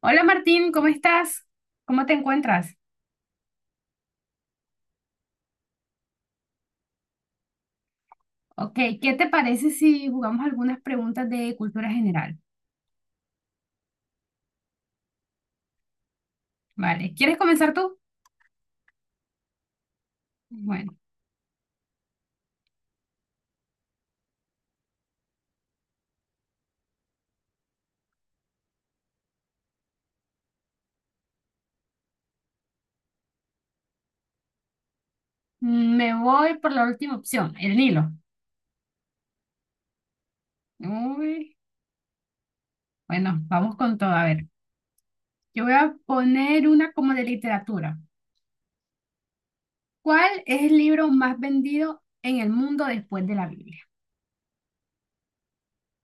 Hola Martín, ¿cómo estás? ¿Cómo te encuentras? Ok, ¿qué te parece si jugamos algunas preguntas de cultura general? Vale, ¿quieres comenzar tú? Bueno, me voy por la última opción, el Nilo. Uy, bueno, vamos con todo. A ver, yo voy a poner una como de literatura. ¿Cuál es el libro más vendido en el mundo después de la Biblia?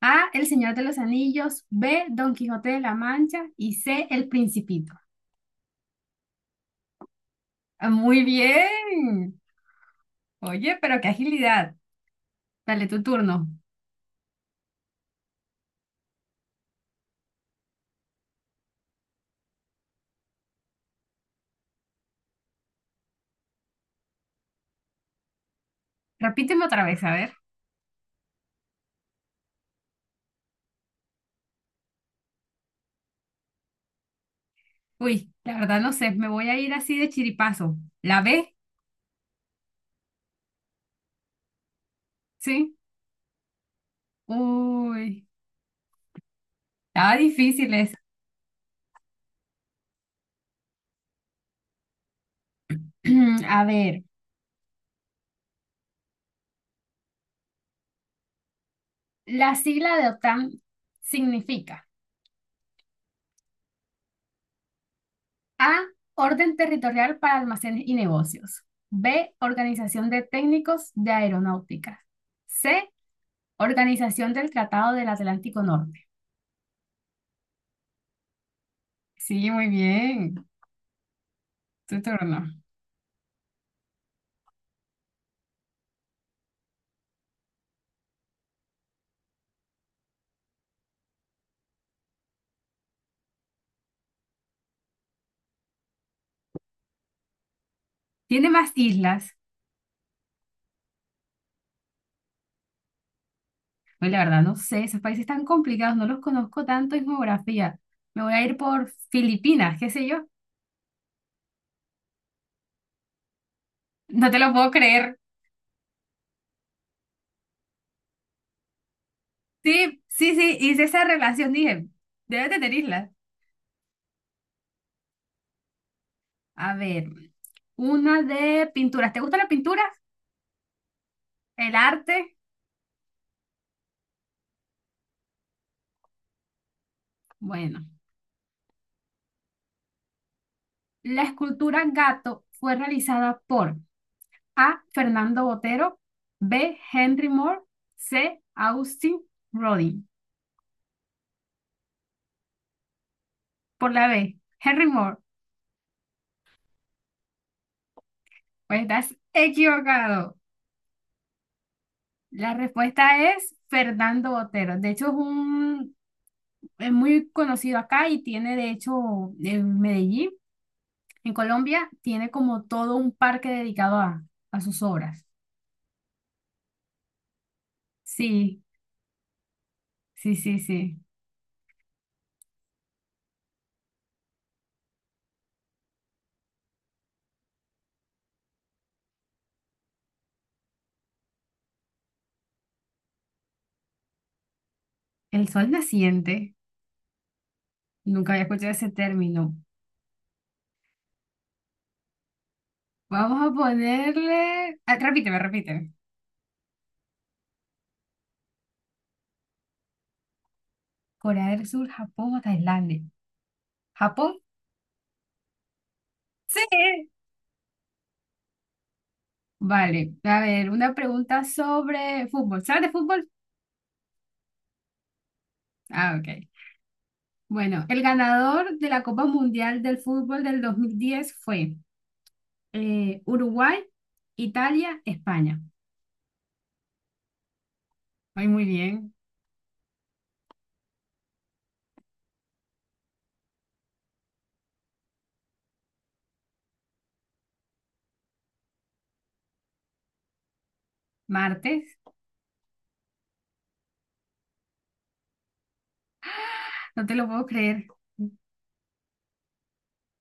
A, El Señor de los Anillos, B, Don Quijote de la Mancha y C, El Principito. Ah, muy bien. Oye, pero qué agilidad. Dale, tu turno. Repíteme otra vez, a ver. Uy, la verdad no sé, me voy a ir así de chiripazo. ¿La B? ¿Sí? Uy, estaba difícil esa. A ver, la sigla de OTAN significa A, Orden Territorial para Almacenes y Negocios. B, Organización de Técnicos de Aeronáutica. C, Organización del Tratado del Atlántico Norte. Sí, muy bien. Tu turno. Tiene más islas. Pues la verdad, no sé, esos países tan complicados, no los conozco tanto en geografía. Me voy a ir por Filipinas, qué sé yo. No te lo puedo creer. Sí, sí, sí, hice esa relación, dije, debes de tenerla. A ver, una de pinturas. ¿Te gusta la pintura? ¿El arte? Bueno, la escultura Gato fue realizada por A. Fernando Botero, B. Henry Moore, C. Austin Rodin. Por la B, Henry Moore. Pues estás equivocado. La respuesta es Fernando Botero. De hecho, es muy conocido acá y tiene, de hecho, en Medellín, en Colombia, tiene como todo un parque dedicado a sus obras. Sí, sí, sí, sí. El sol naciente. Nunca había escuchado ese término. Vamos a ponerle, ah, repíteme, repíteme. Corea del Sur, Japón o Tailandia. ¿Japón? Sí. Vale. A ver, una pregunta sobre fútbol. ¿Sabes de fútbol? Ah, ok. Bueno, el ganador de la Copa Mundial del Fútbol del 2010 fue Uruguay, Italia, España. Ay, muy bien. Martes, no te lo puedo creer.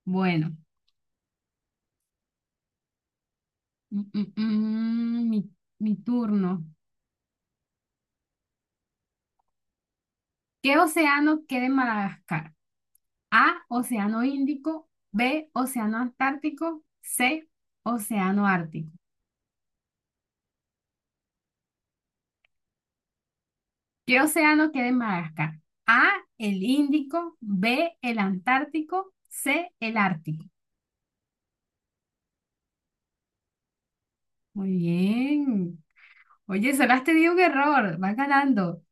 Bueno, mm, mm, mm, mi, mi turno. ¿Qué océano queda en Madagascar? A, Océano Índico, B, Océano Antártico, C, Océano Ártico. ¿Qué océano queda en Madagascar? A, el Índico, B, el Antártico, C, el Ártico. Muy bien. Oye, solo has tenido un error. Vas ganando.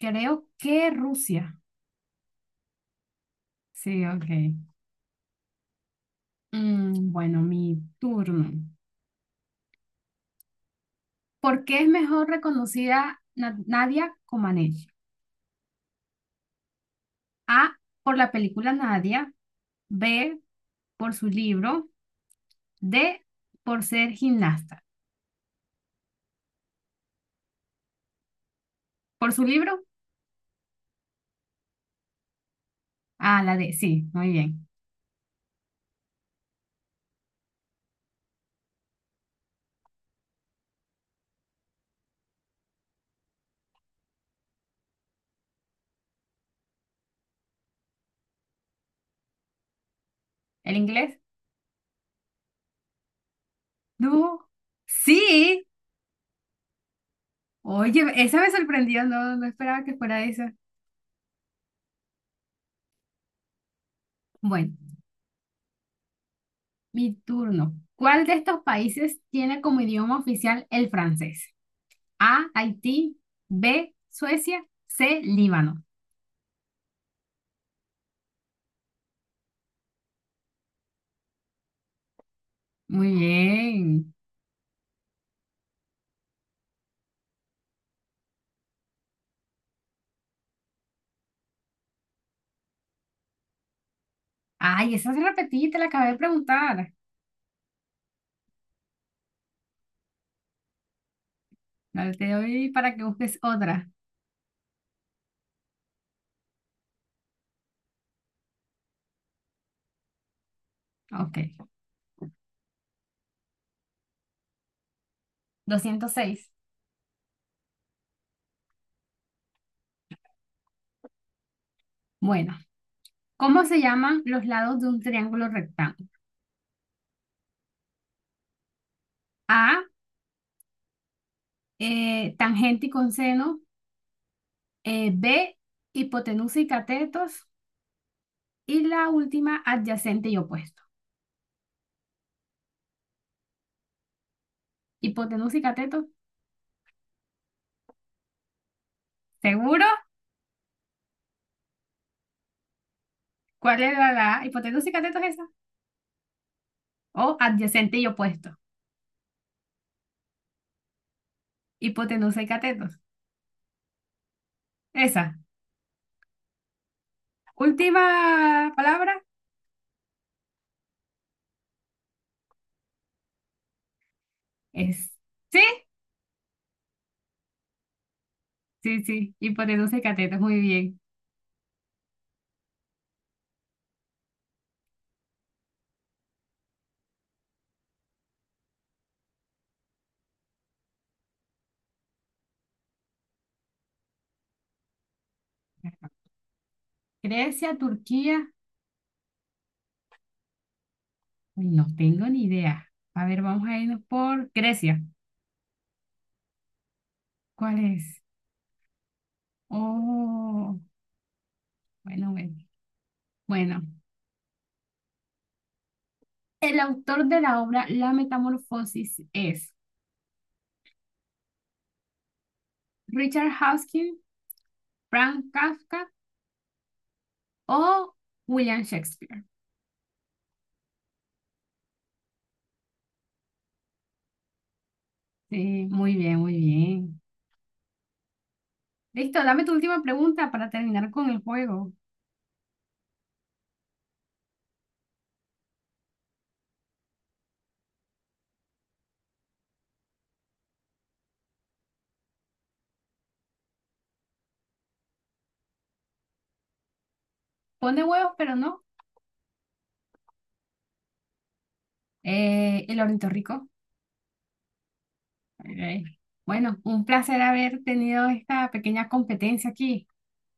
Creo que Rusia. Sí, ok. Mm, bueno, mi turno. ¿Por qué es mejor reconocida Nadia Comaneci? A, por la película Nadia. B, por su libro. D, por ser gimnasta. ¿Por su libro? Ah, la D. Sí, muy bien. ¿El inglés? Du. Sí. Oye, esa me sorprendió. No, no esperaba que fuera esa. Bueno. Mi turno. ¿Cuál de estos países tiene como idioma oficial el francés? A, Haití, B, Suecia, C, Líbano. Muy bien. Ay, esa se repetí, te la acabé de preguntar. Dale, te doy para que busques otra. Ok. 206. Bueno, ¿cómo se llaman los lados de un triángulo rectángulo? A, tangente y conseno, B, hipotenusa y catetos, y la última, adyacente y opuesto. Hipotenusa y catetos. ¿Seguro? ¿Cuál era la hipotenusa y catetos esa? O adyacente y opuesto. Hipotenusa y catetos. Esa. Última palabra es. ¿Sí? Sí, sí. Hipotenusa y catetos. Muy bien. Grecia, Turquía. Uy, no tengo ni idea. A ver, vamos a irnos por Grecia. ¿Cuál es? Oh, bueno, bueno. Bueno. El autor de la obra La Metamorfosis es Richard Hawkins, Frank Kafka o William Shakespeare. Sí, muy bien, muy bien. Listo, dame tu última pregunta para terminar con el juego. Pone huevos, pero no. El ornitorrinco. Ok. Bueno, un placer haber tenido esta pequeña competencia aquí.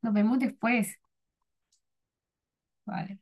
Nos vemos después. Vale.